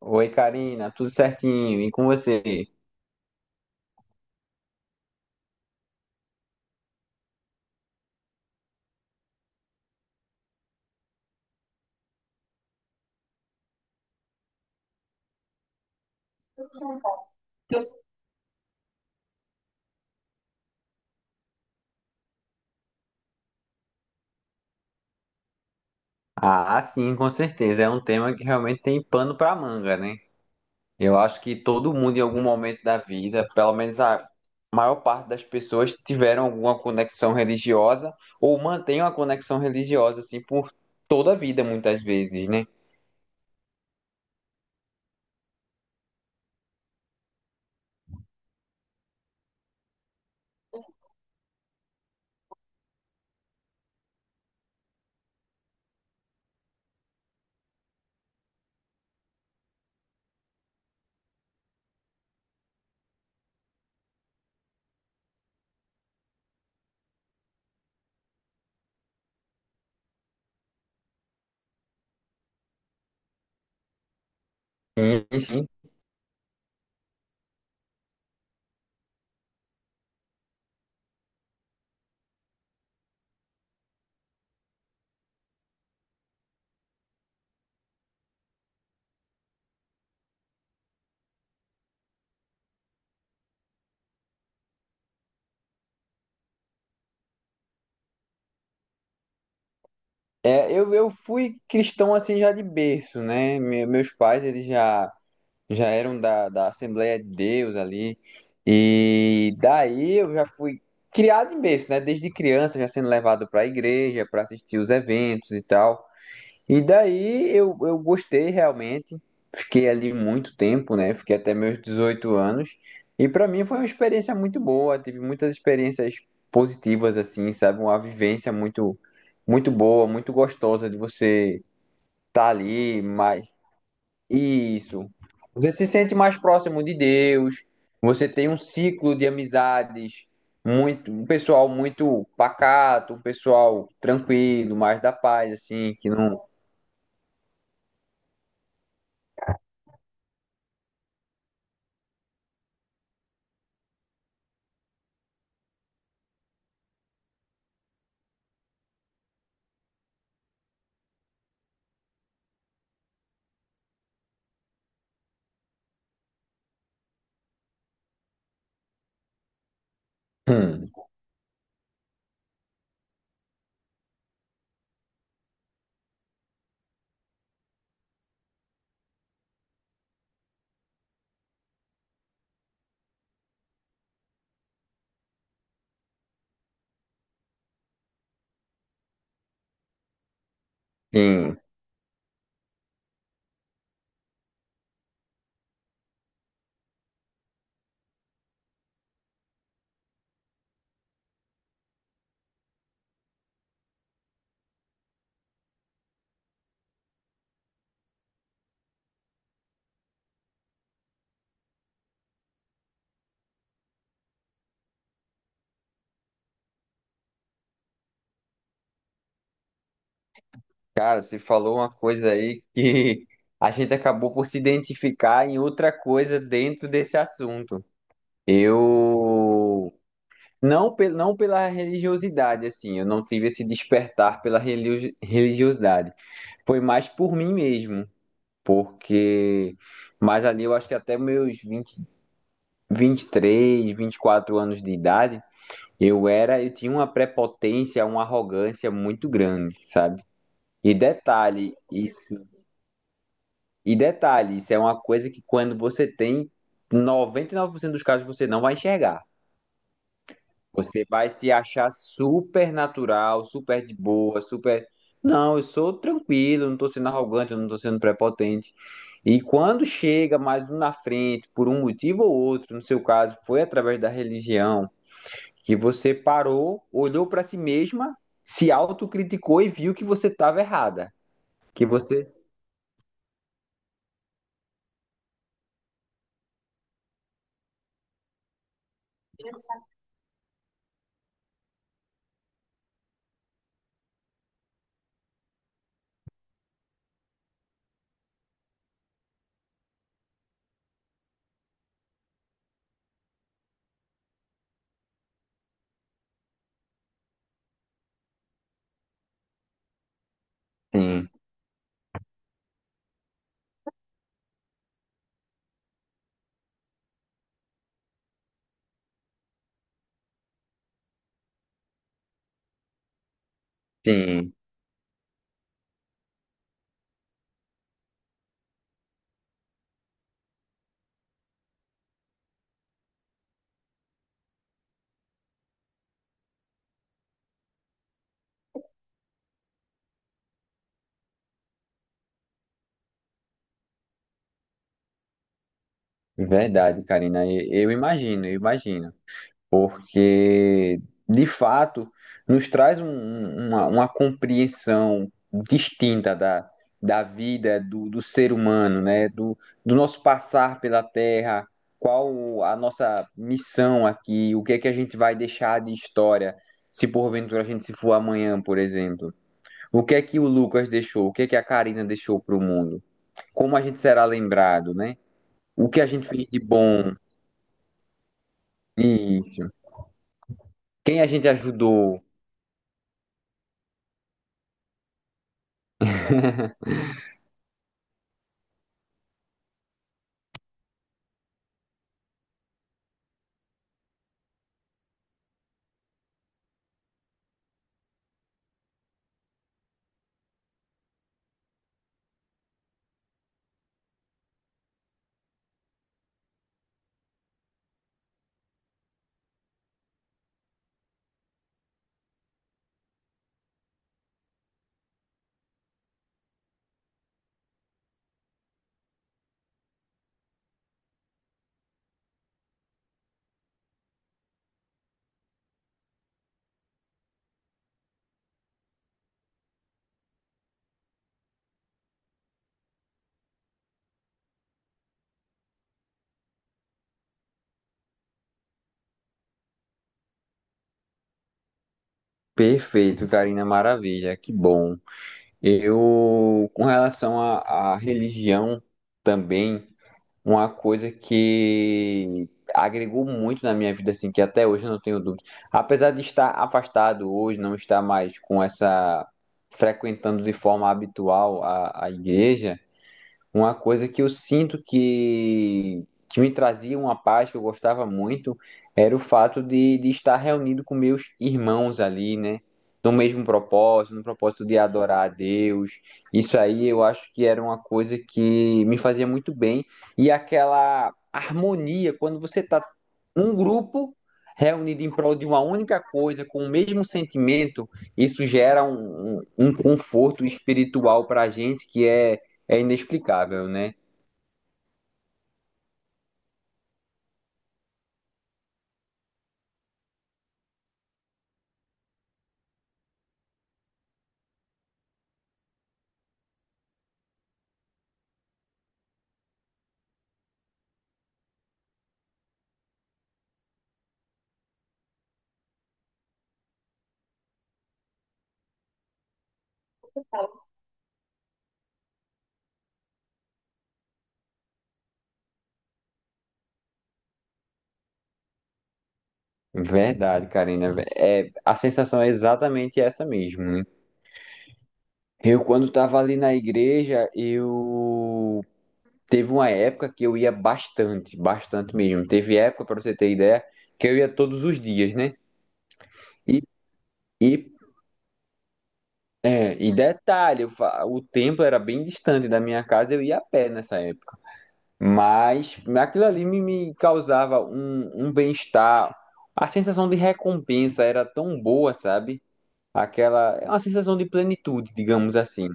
Oi, Karina, tudo certinho? E com você? Eu- Ah, sim, com certeza. É um tema que realmente tem pano para manga, né? Eu acho que todo mundo, em algum momento da vida, pelo menos a maior parte das pessoas, tiveram alguma conexão religiosa ou mantém uma conexão religiosa, assim, por toda a vida, muitas vezes, né? Sim, sim. É, eu fui cristão, assim, já de berço, né? Meus pais, eles já. Já eram da Assembleia de Deus ali. E daí eu já fui criado em berço, né? Desde criança, já sendo levado para a igreja, para assistir os eventos e tal. E daí eu gostei realmente. Fiquei ali muito tempo, né? Fiquei até meus 18 anos. E para mim foi uma experiência muito boa. Tive muitas experiências positivas, assim, sabe? Uma vivência muito, muito boa, muito gostosa de você estar ali, mais isso. Você se sente mais próximo de Deus, você tem um ciclo de amizades muito, um pessoal muito pacato, um pessoal tranquilo, mais da paz, assim, que não. Hum, sim. Cara, você falou uma coisa aí que a gente acabou por se identificar em outra coisa dentro desse assunto. Eu não, não pela religiosidade, assim, eu não tive esse despertar pela religiosidade. Foi mais por mim mesmo. Porque mas ali eu acho que até meus 20, 23, 24 anos de idade, eu tinha uma prepotência, uma arrogância muito grande, sabe? E detalhe, isso, e detalhe, isso é uma coisa que quando você tem 99% dos casos você não vai enxergar. Você vai se achar super natural, super de boa, super. Não, eu sou tranquilo, eu não estou sendo arrogante, eu não estou sendo prepotente. E quando chega mais um na frente, por um motivo ou outro, no seu caso, foi através da religião, que você parou, olhou para si mesma, se autocriticou e viu que você estava errada. Que você. Sim, sim, verdade, Karina. Eu imagino, eu imagino. Porque de fato nos traz uma compreensão distinta da vida do ser humano, né? Do nosso passar pela Terra, qual a nossa missão aqui, o que é que a gente vai deixar de história se porventura a gente se for amanhã, por exemplo. O que é que o Lucas deixou? O que é que a Karina deixou para o mundo? Como a gente será lembrado, né? O que a gente fez de bom? Isso. Quem a gente ajudou? Perfeito, Karina, maravilha, que bom. Eu, com relação à religião também, uma coisa que agregou muito na minha vida, assim, que até hoje eu não tenho dúvida. Apesar de estar afastado hoje, não estar mais com essa, frequentando de forma habitual a igreja, uma coisa que eu sinto que me trazia uma paz que eu gostava muito era o fato de estar reunido com meus irmãos ali, né? No mesmo propósito, no propósito de adorar a Deus. Isso aí eu acho que era uma coisa que me fazia muito bem. E aquela harmonia, quando você tá um grupo reunido em prol de uma única coisa, com o mesmo sentimento, isso gera um conforto espiritual para a gente que é inexplicável, né? Verdade, Karina. É, a sensação é exatamente essa mesmo, né? Eu, quando estava ali na igreja, eu teve uma época que eu ia bastante, bastante mesmo. Teve época, para você ter ideia, que eu ia todos os dias, né? E, e, e detalhe, o templo era bem distante da minha casa, eu ia a pé nessa época. Mas aquilo ali me causava um bem-estar. A sensação de recompensa era tão boa, sabe? Aquela, é uma sensação de plenitude, digamos assim.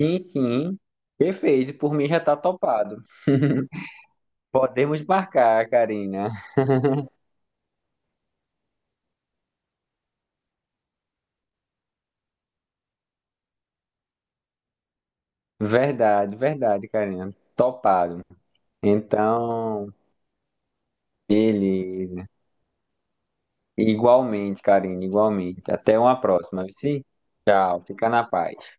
Sim, sim. Perfeito, por mim já tá topado. Podemos marcar, Karina. Verdade, verdade, Karina. Topado. Então, beleza. Igualmente, Karina, igualmente. Até uma próxima, viu? Sim? Tchau, fica na paz.